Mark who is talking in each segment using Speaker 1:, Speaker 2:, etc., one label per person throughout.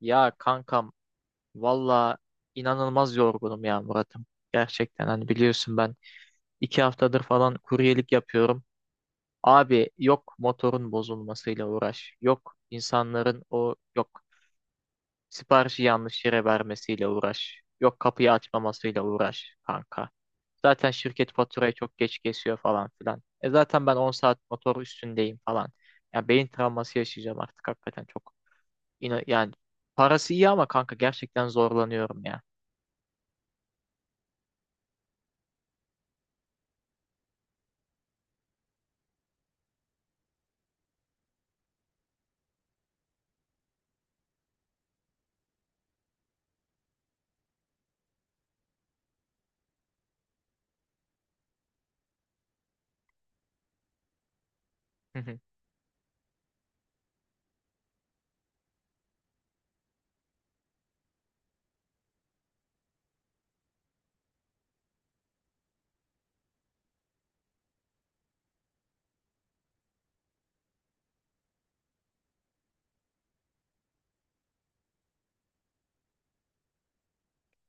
Speaker 1: Ya kankam valla inanılmaz yorgunum ya Murat'ım. Gerçekten hani biliyorsun ben 2 haftadır falan kuryelik yapıyorum. Abi yok motorun bozulmasıyla uğraş. Yok insanların o yok siparişi yanlış yere vermesiyle uğraş. Yok kapıyı açmamasıyla uğraş kanka. Zaten şirket faturayı çok geç kesiyor falan filan. Zaten ben 10 saat motor üstündeyim falan. Ya beyin travması yaşayacağım artık hakikaten çok. Yine yani parası iyi ama kanka gerçekten zorlanıyorum ya.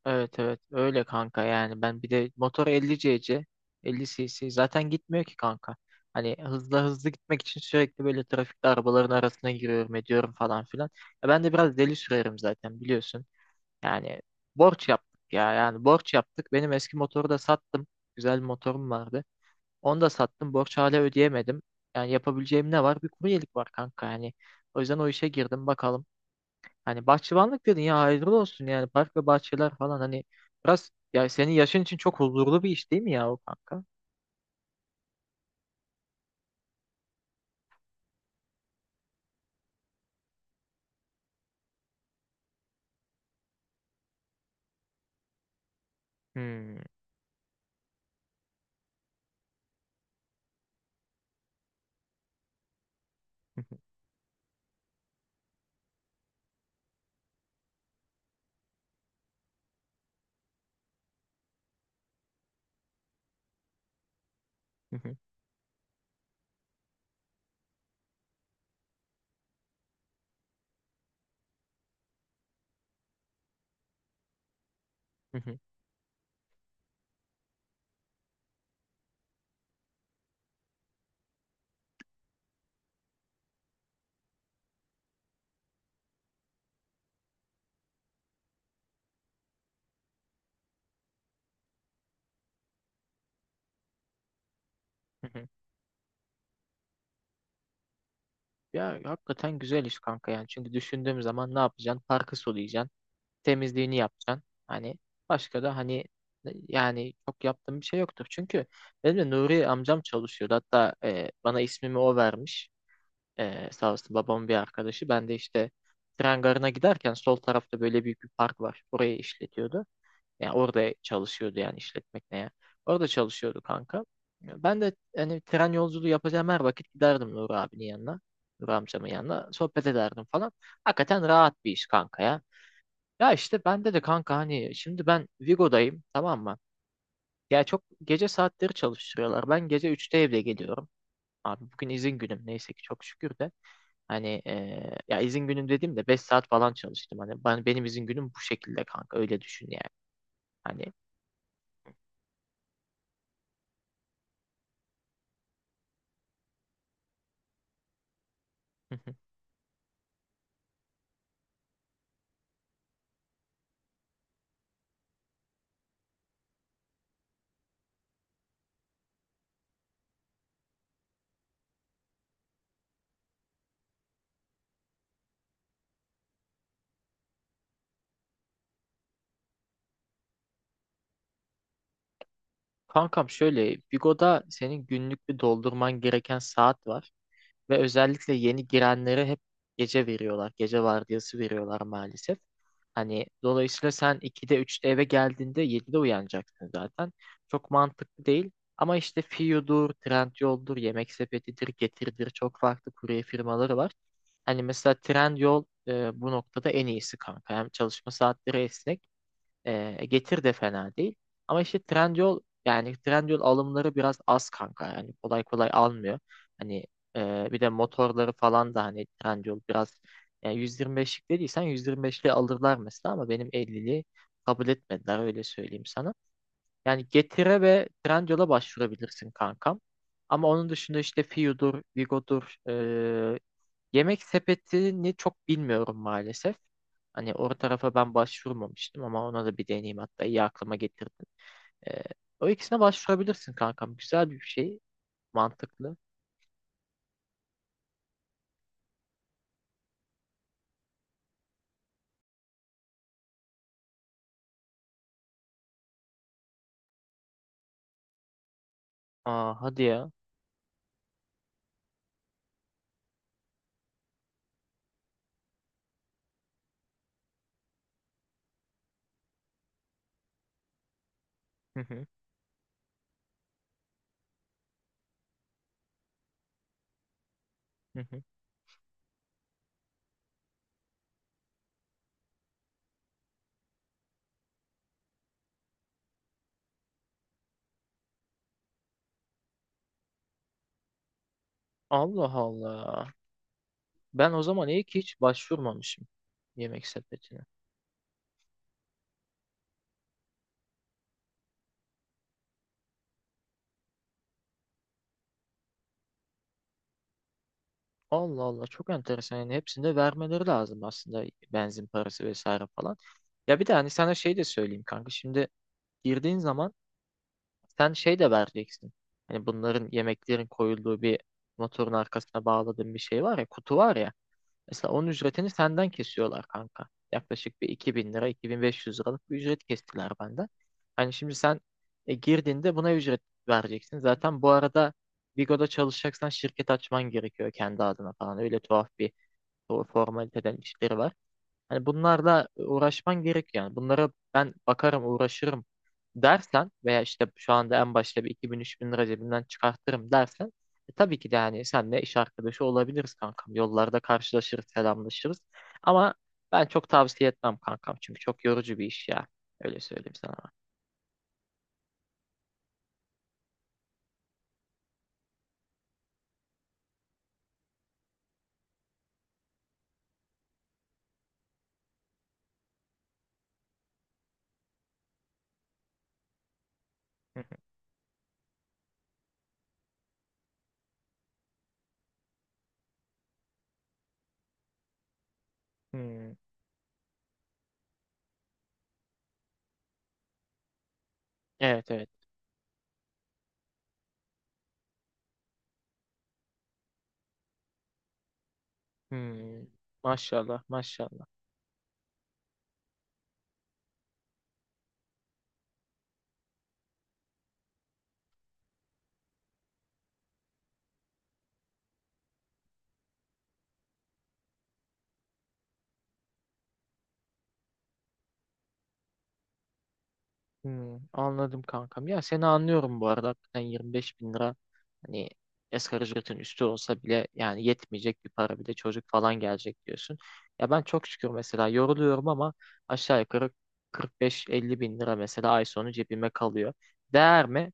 Speaker 1: Evet evet öyle kanka yani ben bir de motor 50 cc 50 cc zaten gitmiyor ki kanka. Hani hızlı hızlı gitmek için sürekli böyle trafikte arabaların arasına giriyorum ediyorum falan filan. Ben de biraz deli sürerim zaten biliyorsun. Yani borç yaptık ya yani borç yaptık. Benim eski motoru da sattım. Güzel bir motorum vardı. Onu da sattım. Borç hala ödeyemedim. Yani yapabileceğim ne var? Bir kuryelik var kanka yani. O yüzden o işe girdim bakalım. Hani bahçıvanlık dedin ya hayırlı olsun yani park ve bahçeler falan hani biraz ya senin yaşın için çok huzurlu bir iş değil mi ya o kanka? Hmm. Ya hakikaten güzel iş kanka yani çünkü düşündüğüm zaman ne yapacaksın? Parkı sulayacaksın, temizliğini yapacaksın. Hani başka da hani yani çok yaptığım bir şey yoktur. Çünkü benim de Nuri amcam çalışıyordu. Hatta bana ismimi o vermiş. Sağ olsun babamın bir arkadaşı. Ben de işte tren garına giderken sol tarafta böyle büyük bir park var. Orayı işletiyordu. Yani orada çalışıyordu yani işletmek ne ya. Orada çalışıyordu kanka. Ben de hani tren yolculuğu yapacağım her vakit giderdim Nur abinin yanına. Nur amcamın yanına. Sohbet ederdim falan. Hakikaten rahat bir iş kanka ya. Ya işte bende de kanka hani şimdi ben Vigo'dayım tamam mı? Ya çok gece saatleri çalıştırıyorlar. Ben gece 3'te evde geliyorum. Abi bugün izin günüm neyse ki çok şükür de. Hani ya izin günüm dediğimde 5 saat falan çalıştım. Hani benim izin günüm bu şekilde kanka öyle düşün yani. Hani. Kankam şöyle Bigo'da senin günlük bir doldurman gereken saat var. Ve özellikle yeni girenlere hep gece veriyorlar. Gece vardiyası veriyorlar maalesef. Hani dolayısıyla sen 2'de üçte eve geldiğinde 7'de uyanacaksın zaten. Çok mantıklı değil. Ama işte Fiyo'dur, Trendyol'dur, Yemek Sepeti'dir, Getir'dir çok farklı kurye firmaları var. Hani mesela Trendyol bu noktada en iyisi kanka. Hem çalışma saatleri esnek. Getir de fena değil. Ama işte Trendyol yani Trendyol alımları biraz az kanka. Yani kolay kolay almıyor. Hani bir de motorları falan da hani Trendyol biraz yani 125'lik dediysen 125'li alırlar mesela ama benim 50'li kabul etmediler öyle söyleyeyim sana. Yani Getir'e ve Trendyol'a başvurabilirsin kankam. Ama onun dışında işte Fiu'dur, Vigo'dur, Yemek sepetini çok bilmiyorum maalesef. Hani o tarafa ben başvurmamıştım ama ona da bir deneyeyim hatta iyi aklıma getirdin. Ee, o ikisine başvurabilirsin kankam. Güzel bir şey. Mantıklı. Aa hadi ya. Hı hı, hı hı. Allah Allah. Ben o zaman iyi ki hiç başvurmamışım yemek sepetine. Allah Allah çok enteresan. Yani hepsinde vermeleri lazım aslında benzin parası vesaire falan. Ya bir de hani sana şey de söyleyeyim kanka. Şimdi girdiğin zaman sen şey de vereceksin. Hani bunların yemeklerin koyulduğu bir motorun arkasına bağladığın bir şey var ya, kutu var ya. Mesela onun ücretini senden kesiyorlar kanka. Yaklaşık bir iki bin lira, 2500 liralık bir ücret kestiler benden. Hani şimdi sen girdiğinde buna ücret vereceksin. Zaten bu arada Vigo'da çalışacaksan şirket açman gerekiyor kendi adına falan. Öyle tuhaf bir o formaliteden işleri var. Hani bunlarla uğraşman gerek yani. Bunlara ben bakarım, uğraşırım dersen veya işte şu anda en başta bir iki bin üç bin lira cebimden çıkartırım dersen tabii ki de hani senle iş arkadaşı olabiliriz kankam. Yollarda karşılaşırız, selamlaşırız. Ama ben çok tavsiye etmem kankam. Çünkü çok yorucu bir iş ya. Öyle söyleyeyim sana. Hı hı. Hmm. Evet evet. Hmm. Maşallah maşallah. Hmm, anladım kankam. Ya seni anlıyorum bu arada. Hakikaten 25 bin lira hani asgari ücretin üstü olsa bile yani yetmeyecek bir para bir de çocuk falan gelecek diyorsun. Ya ben çok şükür mesela yoruluyorum ama aşağı yukarı 45-50 bin lira mesela ay sonu cebime kalıyor. Değer mi?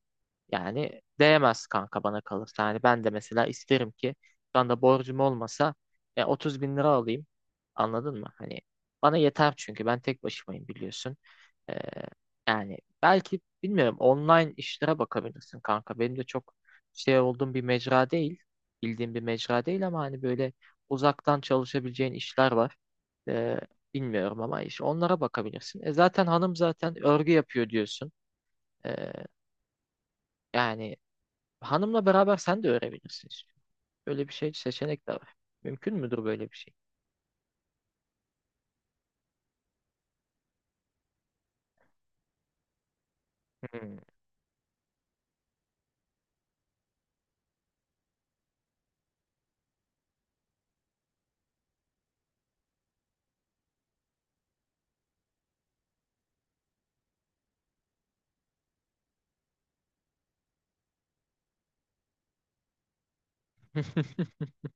Speaker 1: Yani değmez kanka bana kalırsa. Yani ben de mesela isterim ki şu anda borcum olmasa 30 bin lira alayım. Anladın mı? Hani bana yeter çünkü ben tek başımayım biliyorsun. Ee, yani belki bilmiyorum online işlere bakabilirsin kanka. Benim de çok şey olduğum bir mecra değil. Bildiğim bir mecra değil ama hani böyle uzaktan çalışabileceğin işler var. Ee, bilmiyorum ama iş onlara bakabilirsin. Zaten hanım zaten örgü yapıyor diyorsun. Ee, yani hanımla beraber sen de öğrenebilirsin işte. Böyle bir şey seçenek de var. Mümkün müdür böyle bir şey? Hmm.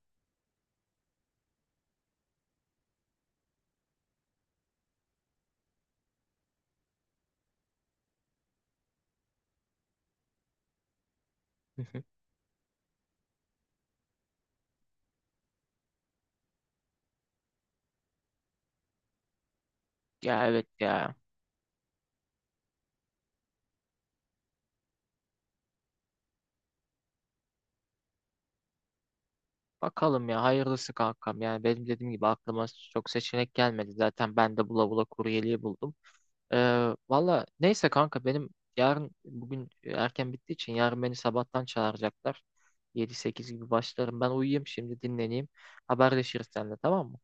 Speaker 1: Ya evet ya. Bakalım ya hayırlısı kankam. Yani benim dediğim gibi aklıma çok seçenek gelmedi. Zaten ben de bula bula kuryeliği buldum. Valla neyse kanka benim yarın bugün erken bittiği için yarın beni sabahtan çağıracaklar. Yedi sekiz gibi başlarım. Ben uyuyayım şimdi dinleneyim. Haberleşiriz seninle tamam mı?